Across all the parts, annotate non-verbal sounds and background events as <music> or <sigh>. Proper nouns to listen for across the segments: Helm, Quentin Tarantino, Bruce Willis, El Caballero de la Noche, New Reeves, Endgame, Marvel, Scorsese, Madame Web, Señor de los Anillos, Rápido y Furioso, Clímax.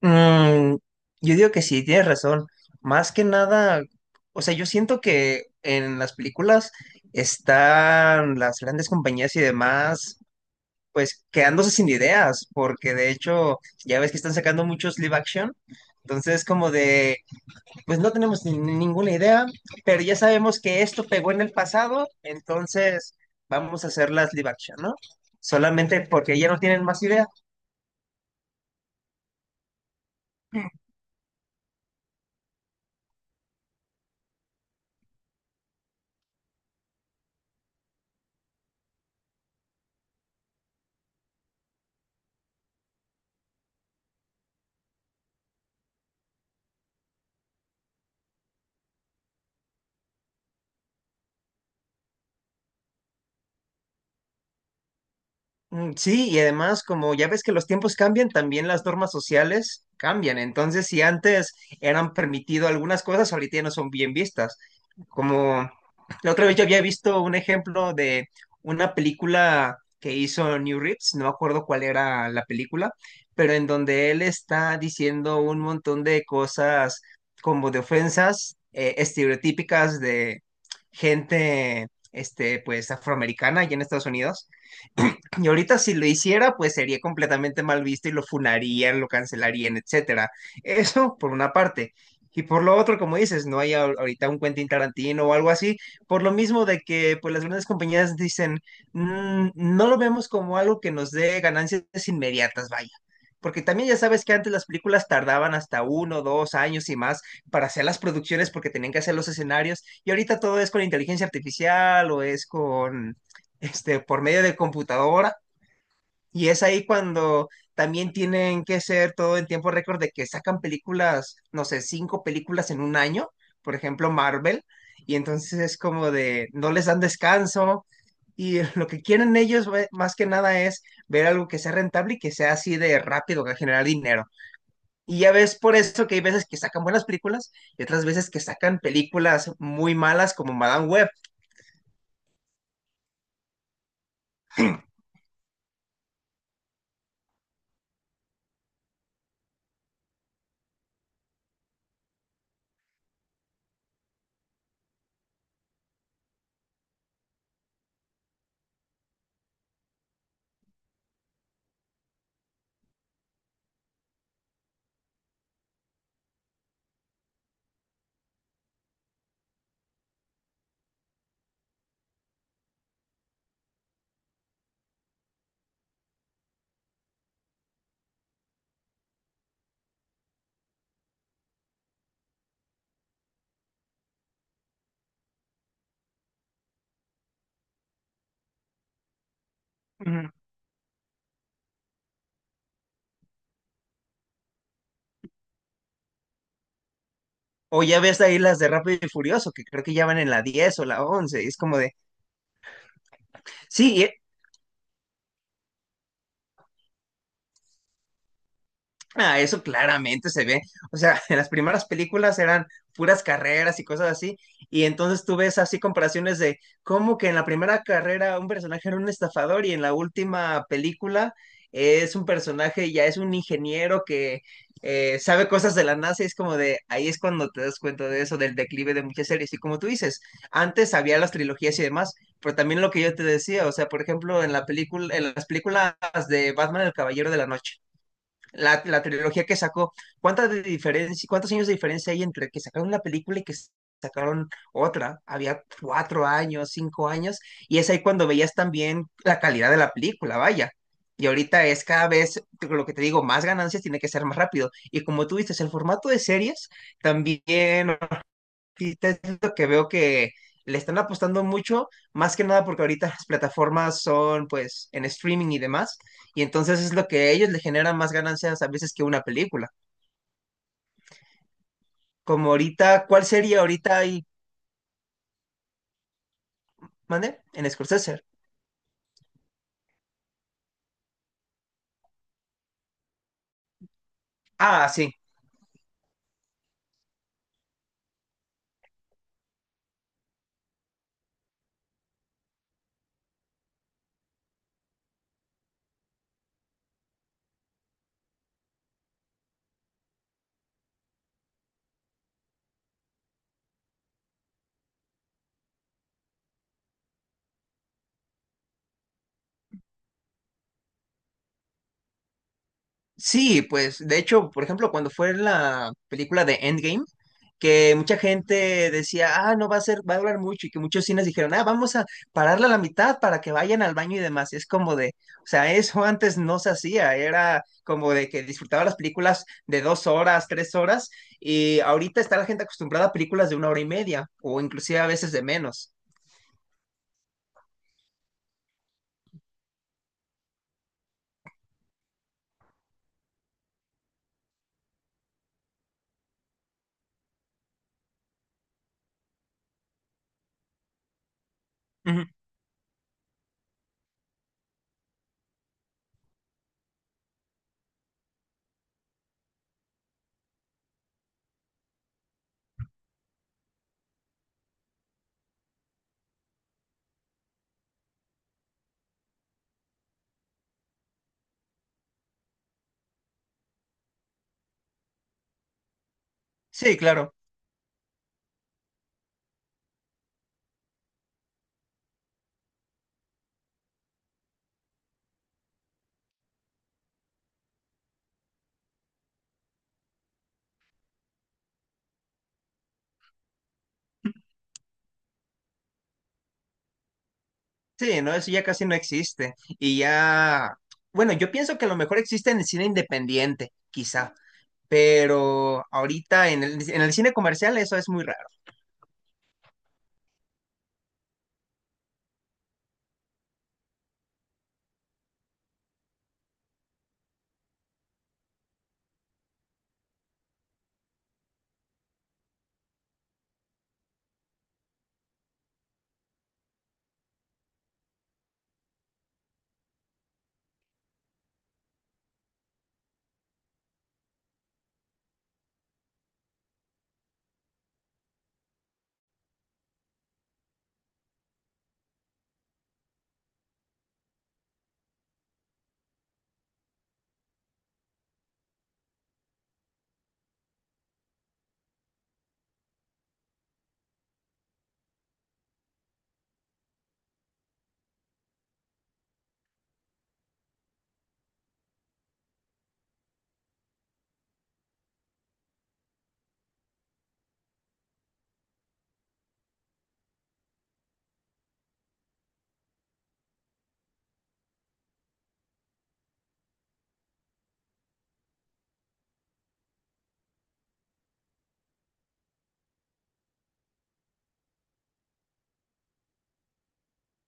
Mm, yo digo que sí, tienes razón. Más que nada, o sea, yo siento que en las películas están las grandes compañías y demás, pues quedándose sin ideas, porque de hecho ya ves que están sacando muchos live action. Entonces, como de, pues no tenemos ni ninguna idea, pero ya sabemos que esto pegó en el pasado, entonces vamos a hacer las live action, ¿no? Solamente porque ya no tienen más ideas. Mm, sí, y además, como ya ves que los tiempos cambian, también las normas sociales cambian. Entonces, si antes eran permitido algunas cosas, ahorita ya no son bien vistas. Como la otra vez yo había visto un ejemplo de una película que hizo New Reeves, no me acuerdo cuál era la película, pero en donde él está diciendo un montón de cosas como de ofensas estereotípicas de gente, este, pues afroamericana allá en Estados Unidos. <clears throat> Y ahorita si lo hiciera, pues sería completamente mal visto y lo funarían, lo cancelarían, etcétera. Eso por una parte. Y por lo otro, como dices, no hay ahorita un Quentin Tarantino o algo así, por lo mismo de que pues las grandes compañías dicen, "Mm, no lo vemos como algo que nos dé ganancias inmediatas, vaya. Porque también ya sabes que antes las películas tardaban hasta 1, 2 años y más para hacer las producciones porque tenían que hacer los escenarios y ahorita todo es con inteligencia artificial o es con, este, por medio de computadora y es ahí cuando también tienen que ser todo en tiempo récord de que sacan películas, no sé, cinco películas en un año, por ejemplo, Marvel, y entonces es como de, no les dan descanso, y <laughs> lo que quieren ellos más que nada es ver algo que sea rentable y que sea así de rápido, que generar dinero. Y ya ves por eso que hay veces que sacan buenas películas y otras veces que sacan películas muy malas como Madame Web. Ujú. O ya ves ahí las de Rápido y Furioso, que creo que ya van en la 10 o la 11 y es como de, sí, ah, eso claramente se ve. O sea, <laughs> en las primeras películas eran puras carreras y cosas así, y entonces tú ves así comparaciones de cómo que en la primera carrera un personaje era un estafador y en la última película es un personaje, ya es un ingeniero que sabe cosas de la NASA y es como de, ahí es cuando te das cuenta de eso, del declive de muchas series. Y como tú dices, antes había las trilogías y demás, pero también lo que yo te decía, o sea, por ejemplo, en la película, en las películas de Batman, El Caballero de la Noche. La trilogía que sacó, ¿cuántas de diferencia, cuántos años de diferencia hay entre que sacaron la película y que sacaron otra? Había 4 años, 5 años, y es ahí cuando veías también la calidad de la película, vaya. Y ahorita es cada vez, lo que te digo, más ganancias tiene que ser más rápido. Y como tú dices, el formato de series también, sí, es lo que veo que le están apostando mucho, más que nada porque ahorita las plataformas son pues en streaming y demás, y entonces es lo que a ellos le generan más ganancias a veces que una película. Como ahorita, ¿cuál sería ahorita ahí? ¿Mande? En Scorsese. Ah, sí. Sí, pues de hecho, por ejemplo, cuando fue la película de Endgame, que mucha gente decía, ah, no va a ser, va a durar mucho, y que muchos cines dijeron, ah, vamos a pararla a la mitad para que vayan al baño y demás. Y es como de, o sea, eso <laughs> antes no se hacía, era como de que disfrutaba las películas de 2 horas, 3 horas, y ahorita está la gente acostumbrada a películas de una hora y media, o inclusive a veces de menos. Ujú. Sí, claro. Sí, no, eso ya casi no existe. Y ya, bueno, yo pienso que a lo mejor existe en el cine independiente, quizá, pero ahorita en el cine comercial eso es muy raro.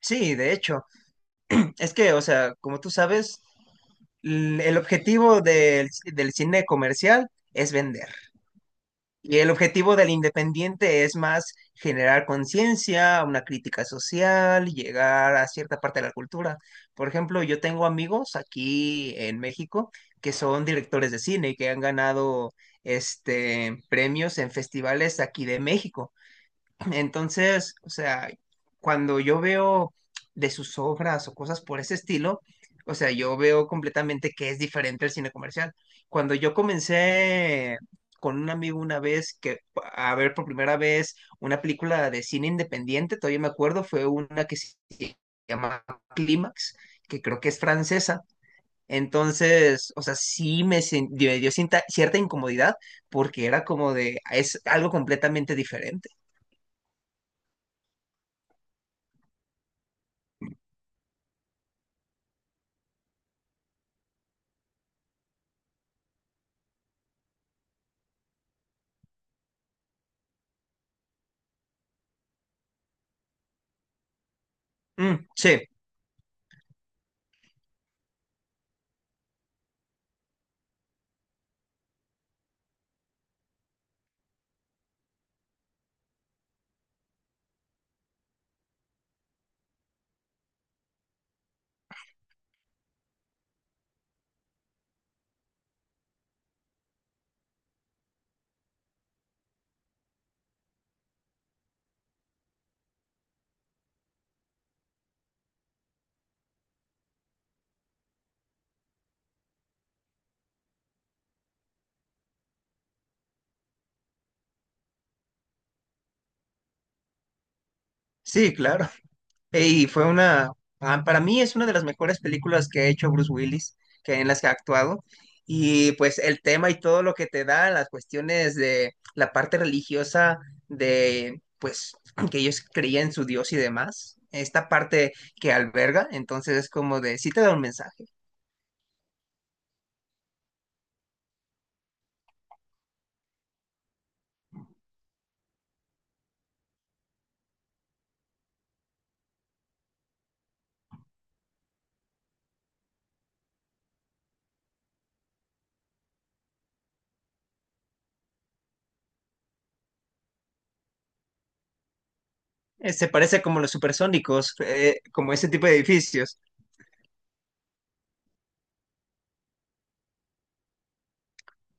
Sí, de hecho, es que, o sea, como tú sabes, el objetivo del, del cine comercial es vender. Y el objetivo del independiente es más generar conciencia, una crítica social, llegar a cierta parte de la cultura. Por ejemplo, yo tengo amigos aquí en México que son directores de cine y que han ganado este premios en festivales aquí de México. Entonces, o sea, cuando yo veo de sus obras o cosas por ese estilo, o sea, yo veo completamente que es diferente el cine comercial. Cuando yo comencé con un amigo una vez que a ver por primera vez una película de cine independiente, todavía me acuerdo, fue una que se llama Clímax, que creo que es francesa entonces, o sea, sí me, me dio cierta incomodidad porque era como de, es algo completamente diferente. Mm, sí, sí, claro. Y fue una, ah, para mí es una de las mejores películas que ha hecho Bruce Willis, que en las que ha actuado. Y pues el tema y todo lo que te da, las cuestiones de la parte religiosa, de pues <clears throat> que ellos creían en su Dios y demás, esta parte que alberga, entonces es como de, sí te da un mensaje. Se parece como los supersónicos, como ese tipo de edificios.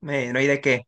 No hay de qué.